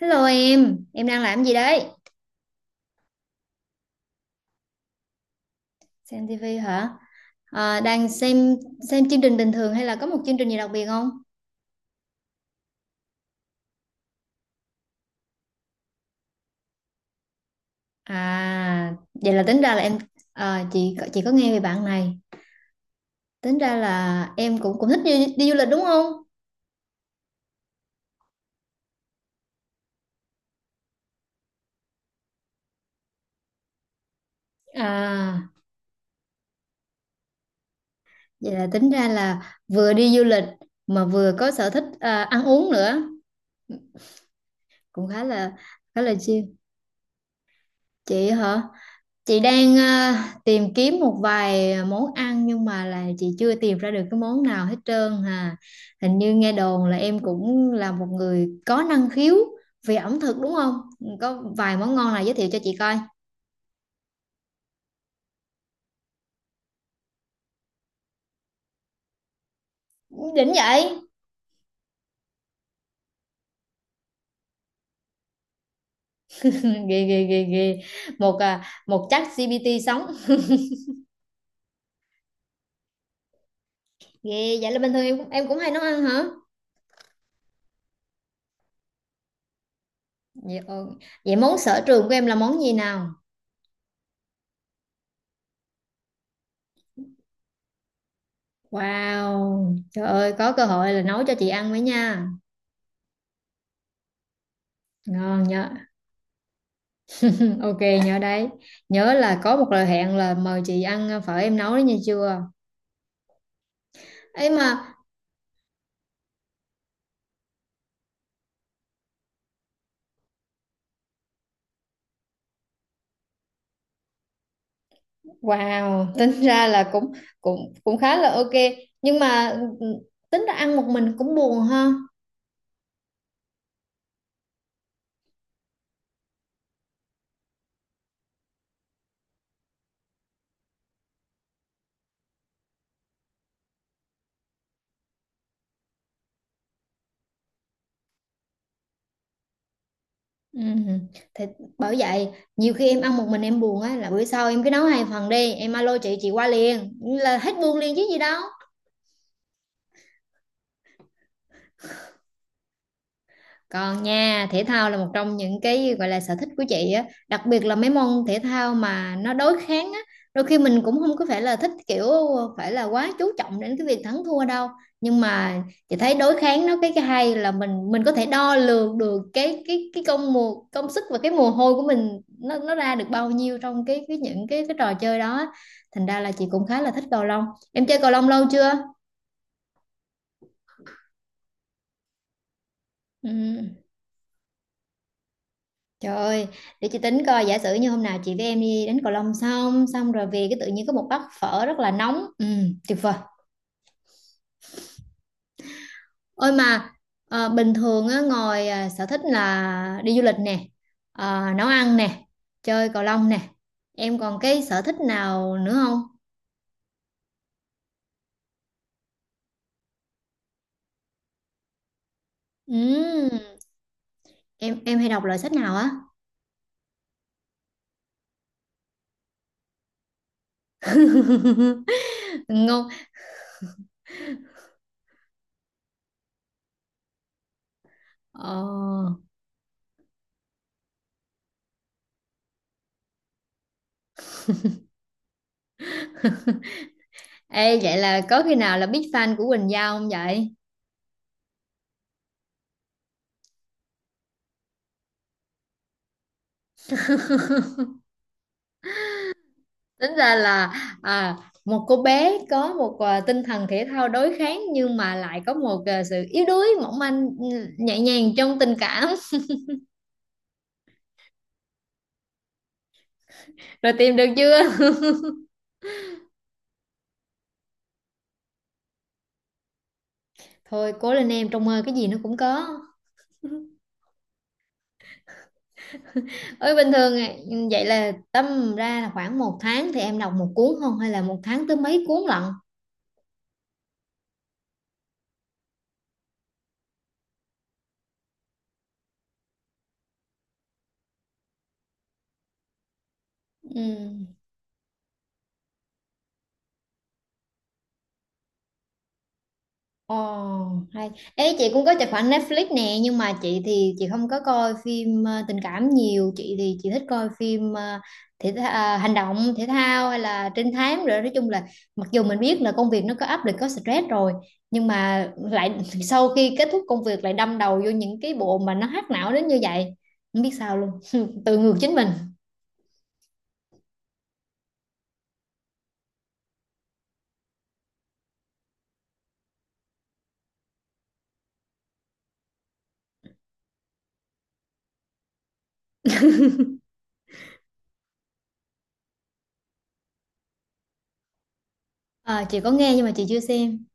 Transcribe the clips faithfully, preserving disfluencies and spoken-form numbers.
Hello em, em đang làm gì đấy? Xem ti vi hả? À, đang xem xem chương trình bình thường hay là có một chương trình gì đặc biệt không? À, vậy là tính ra là em à, chị có- chị có nghe về bạn này. Tính ra là em cũng cũng thích đi, đi du lịch đúng không? À, vậy là tính ra là vừa đi du lịch mà vừa có sở thích à, ăn uống nữa, cũng khá là khá là chill. Chị hả? Chị đang ờ, tìm kiếm một vài món ăn nhưng mà là chị chưa tìm ra được cái món nào hết trơn hà. Hình như nghe đồn là em cũng là một người có năng khiếu về ẩm thực đúng không? Có vài món ngon nào giới thiệu cho chị coi. Đỉnh vậy. ghê ghê ghê ghê. Một à, một chắc gi pi ti sống. Ghê vậy là bình thường em cũng, em cũng hay nấu ăn hả? Vậy, ờ, vậy món sở trường của em là món gì nào? Wow, trời ơi có cơ hội là nấu cho chị ăn mới nha. Ngon nha. Ok, nhớ đấy. Nhớ là có một lời hẹn là mời chị ăn à, phở em nấu đấy nha chưa ấy mà. Wow, tính ra là cũng cũng cũng khá là ok. Nhưng mà ừ, tính ra ăn một mình cũng buồn ha. Ừ. Thì bởi vậy nhiều khi em ăn một mình em buồn á. Là bữa sau em cứ nấu hai phần đi. Em alo chị chị qua liền, là hết buồn liền chứ gì đâu. Còn nha, thể thao là một trong những cái gọi là sở thích của chị á, đặc biệt là mấy môn thể thao mà nó đối kháng á, đôi khi mình cũng không có phải là thích kiểu phải là quá chú trọng đến cái việc thắng thua đâu. Nhưng mà chị thấy đối kháng nó cái cái hay là mình mình có thể đo lường được cái cái cái công mồ công sức và cái mồ hôi của mình nó nó ra được bao nhiêu trong cái cái những cái cái trò chơi đó á. Thành ra là chị cũng khá là thích cầu lông. Em chơi cầu lông lâu chưa? Ừ. Trời ơi, để chị tính coi, giả sử như hôm nào chị với em đi đến Cầu Long xong xong rồi về cái tự nhiên có một bát phở rất là nóng. Ừ, tuyệt vời. Ôi mà ờ, bình thường á ngồi à, sở thích là đi du lịch nè, ờ, nấu ăn nè, chơi Cầu Long nè. Em còn cái sở thích nào nữa không? Ừ, em em hay đọc loại sách nào á? Ngon. Ờ, ê vậy là có khi nào là big fan của Quỳnh Giao không vậy? Tính ra là à, một cô bé có một à, tinh thần thể thao đối kháng nhưng mà lại có một à, sự yếu đuối mỏng manh ừ, nhẹ nhàng trong tình cảm. Rồi tìm được chưa? Thôi cố lên em, trong mơ cái gì nó cũng có. Ơi bình thường à, vậy là tâm ra là khoảng một tháng thì em đọc một cuốn không, hay là một tháng tới mấy cuốn lận? Ừ. Ồ, hay. Ê, chị cũng có tài khoản Netflix nè, nhưng mà chị thì chị không có coi phim ờ, tình cảm nhiều, chị thì chị thích coi phim ờ, thể tha- à, hành động, thể thao hay là trinh thám, rồi nói chung là mặc dù mình biết là công việc nó có áp lực, có stress rồi, nhưng mà lại sau khi kết thúc công việc lại đâm đầu vô những cái bộ mà nó hack não đến như vậy, không biết sao luôn, tự ngược chính mình. À, chị có nghe nhưng mà chị chưa xem.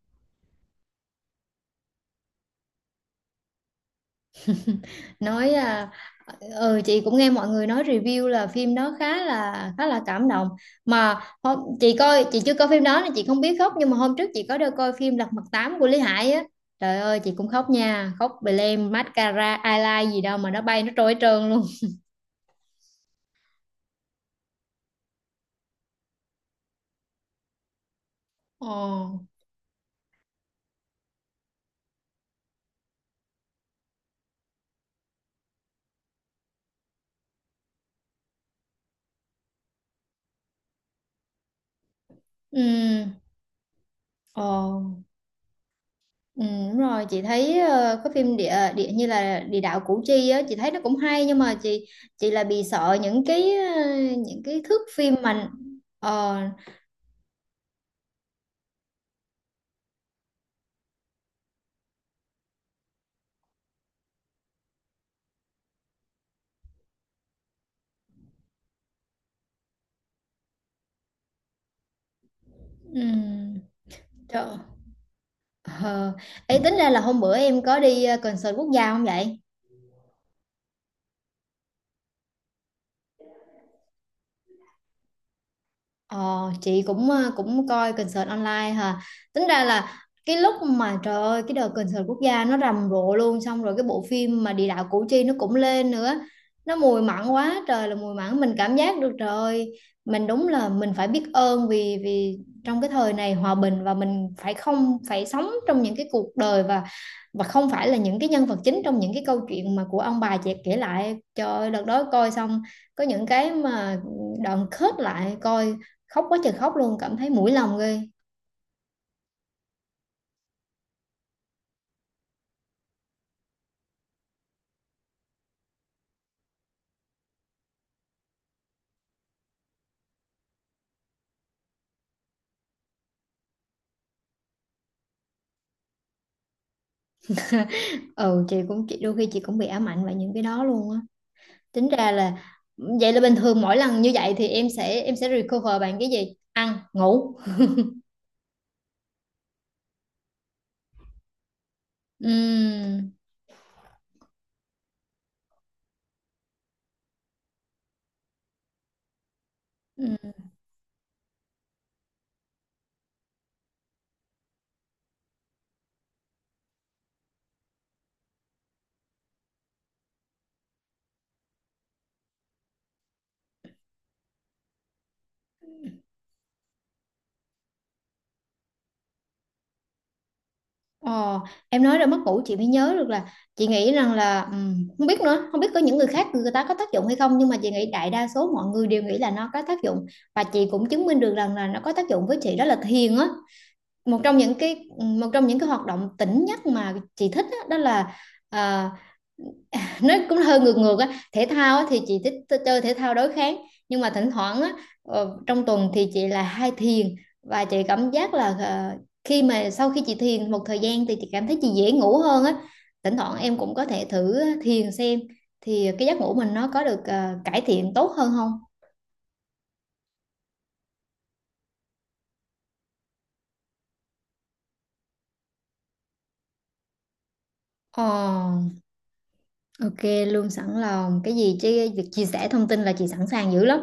nói à, ừ, chị cũng nghe mọi người nói review là phim đó khá là khá là cảm động. Mà hôm, chị coi, chị chưa coi phim đó nên chị không biết khóc, nhưng mà hôm trước chị có đi coi phim Lật Mặt Tám của Lý Hải á. Trời ơi chị cũng khóc nha, khóc bì lem mascara eyeliner gì đâu mà nó bay nó trôi hết trơn luôn. Ồ. Ừ. Ồ. Ừ. Đúng rồi, chị thấy ờ, có phim địa địa như là địa đạo Củ Chi á, chị thấy nó cũng hay, nhưng mà chị chị là bị sợ những cái ờ, những cái thước phim mà. Ờ. Ừ. Trời! Ờ, ấy tính ra là hôm bữa em có đi, ơ, concert quốc gia không vậy? Ờ, chị cũng ờ, cũng coi concert online hả. Tính ra là cái lúc mà trời ơi cái đợt concert quốc gia nó rầm rộ luôn, xong rồi cái bộ phim mà địa đạo Củ Chi nó cũng lên nữa, nó mùi mặn quá trời là mùi mặn, mình cảm giác được. Trời ơi mình đúng là mình phải biết ơn vì vì trong cái thời này hòa bình, và mình phải không phải sống trong những cái cuộc đời, và và không phải là những cái nhân vật chính trong những cái câu chuyện mà của ông bà chị kể lại. Trời ơi đợt đó coi xong, có những cái mà đoạn khớp lại coi, khóc quá trời khóc luôn, cảm thấy mũi lòng ghê. Ừ, chị cũng, chị đôi khi chị cũng bị ám ảnh bởi những cái đó luôn á. Tính ra là vậy là bình thường mỗi lần như vậy thì em sẽ em sẽ recover bằng cái gì, ăn ngủ? Ừm, ừm. Ờ, em nói ra mất ngủ chị mới nhớ được là chị nghĩ rằng là ừm, không biết nữa, không biết có những người khác người ta có tác dụng hay không, nhưng mà chị nghĩ đại đa số mọi người đều nghĩ là nó có tác dụng, và chị cũng chứng minh được rằng là nó có tác dụng với chị, đó là thiền á. một trong những cái Một trong những cái hoạt động tỉnh nhất mà chị thích á, đó, là à, nó cũng hơi ngược ngược á. Thể thao á, thì chị thích t- chơi thể thao đối kháng nhưng mà thỉnh thoảng á, ờ, trong tuần thì chị là hay thiền, và chị cảm giác là ờ, khi mà sau khi chị thiền một thời gian thì chị cảm thấy chị dễ ngủ hơn á. Thỉnh thoảng em cũng có thể thử thiền xem thì cái giấc ngủ mình nó có được ờ, cải thiện tốt hơn không. Ờ, ok luôn, sẵn lòng. Cái gì chứ việc chia sẻ thông tin là chị sẵn sàng dữ lắm.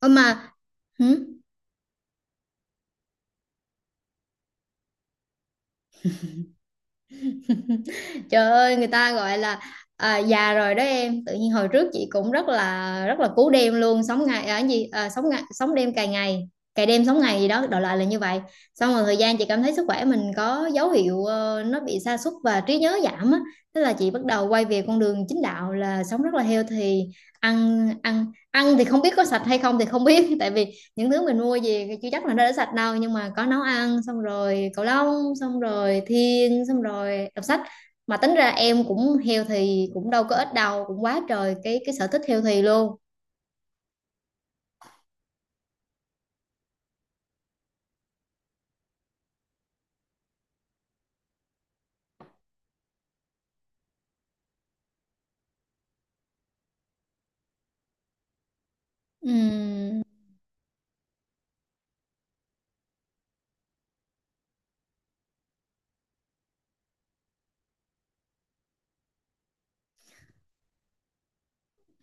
Ơ mà hử? Trời ơi người ta gọi là à, già rồi đó em. Tự nhiên hồi trước chị cũng rất là rất là cú đêm luôn, sống ngày ở gì à, sống ngày, sống đêm, cày ngày cày đêm, sống ngày gì đó, đại loại là như vậy. Xong rồi thời gian chị cảm thấy sức khỏe mình có dấu hiệu ờ, nó bị sa sút và trí nhớ giảm á, thế là chị bắt đầu quay về con đường chính đạo là sống rất là healthy. Ăn ăn ăn thì không biết có sạch hay không thì không biết, tại vì những thứ mình mua về thì chưa chắc là nó đã sạch đâu, nhưng mà có nấu ăn xong rồi cầu lông xong rồi thiền xong rồi đọc sách. Mà tính ra em cũng healthy cũng đâu có ít đâu, cũng quá trời cái cái sở thích healthy luôn. Ừm,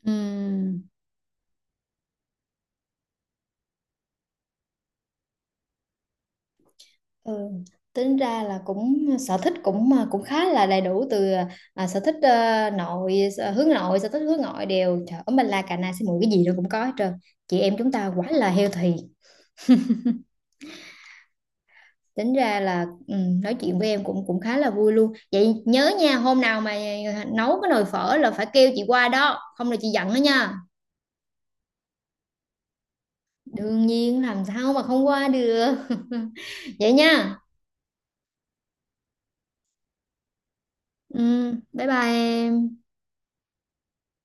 ừm. Ừ. Tính ra là cũng sở thích cũng mà cũng khá là đầy đủ từ à, sở thích ờ, nội sở- hướng nội, sở thích hướng ngoại đều. Trời ơi mình là cà na xí muội, cái gì nó cũng có hết trơn. Chị em chúng ta quá là healthy. Tính ra là ừ, nói chuyện với em cũng cũng khá là vui luôn. Vậy nhớ nha, hôm nào mà nấu cái nồi phở là phải kêu chị qua đó, không là chị giận đó nha. Đương nhiên làm sao mà không qua được. Vậy nha. Ừ, bye bye em.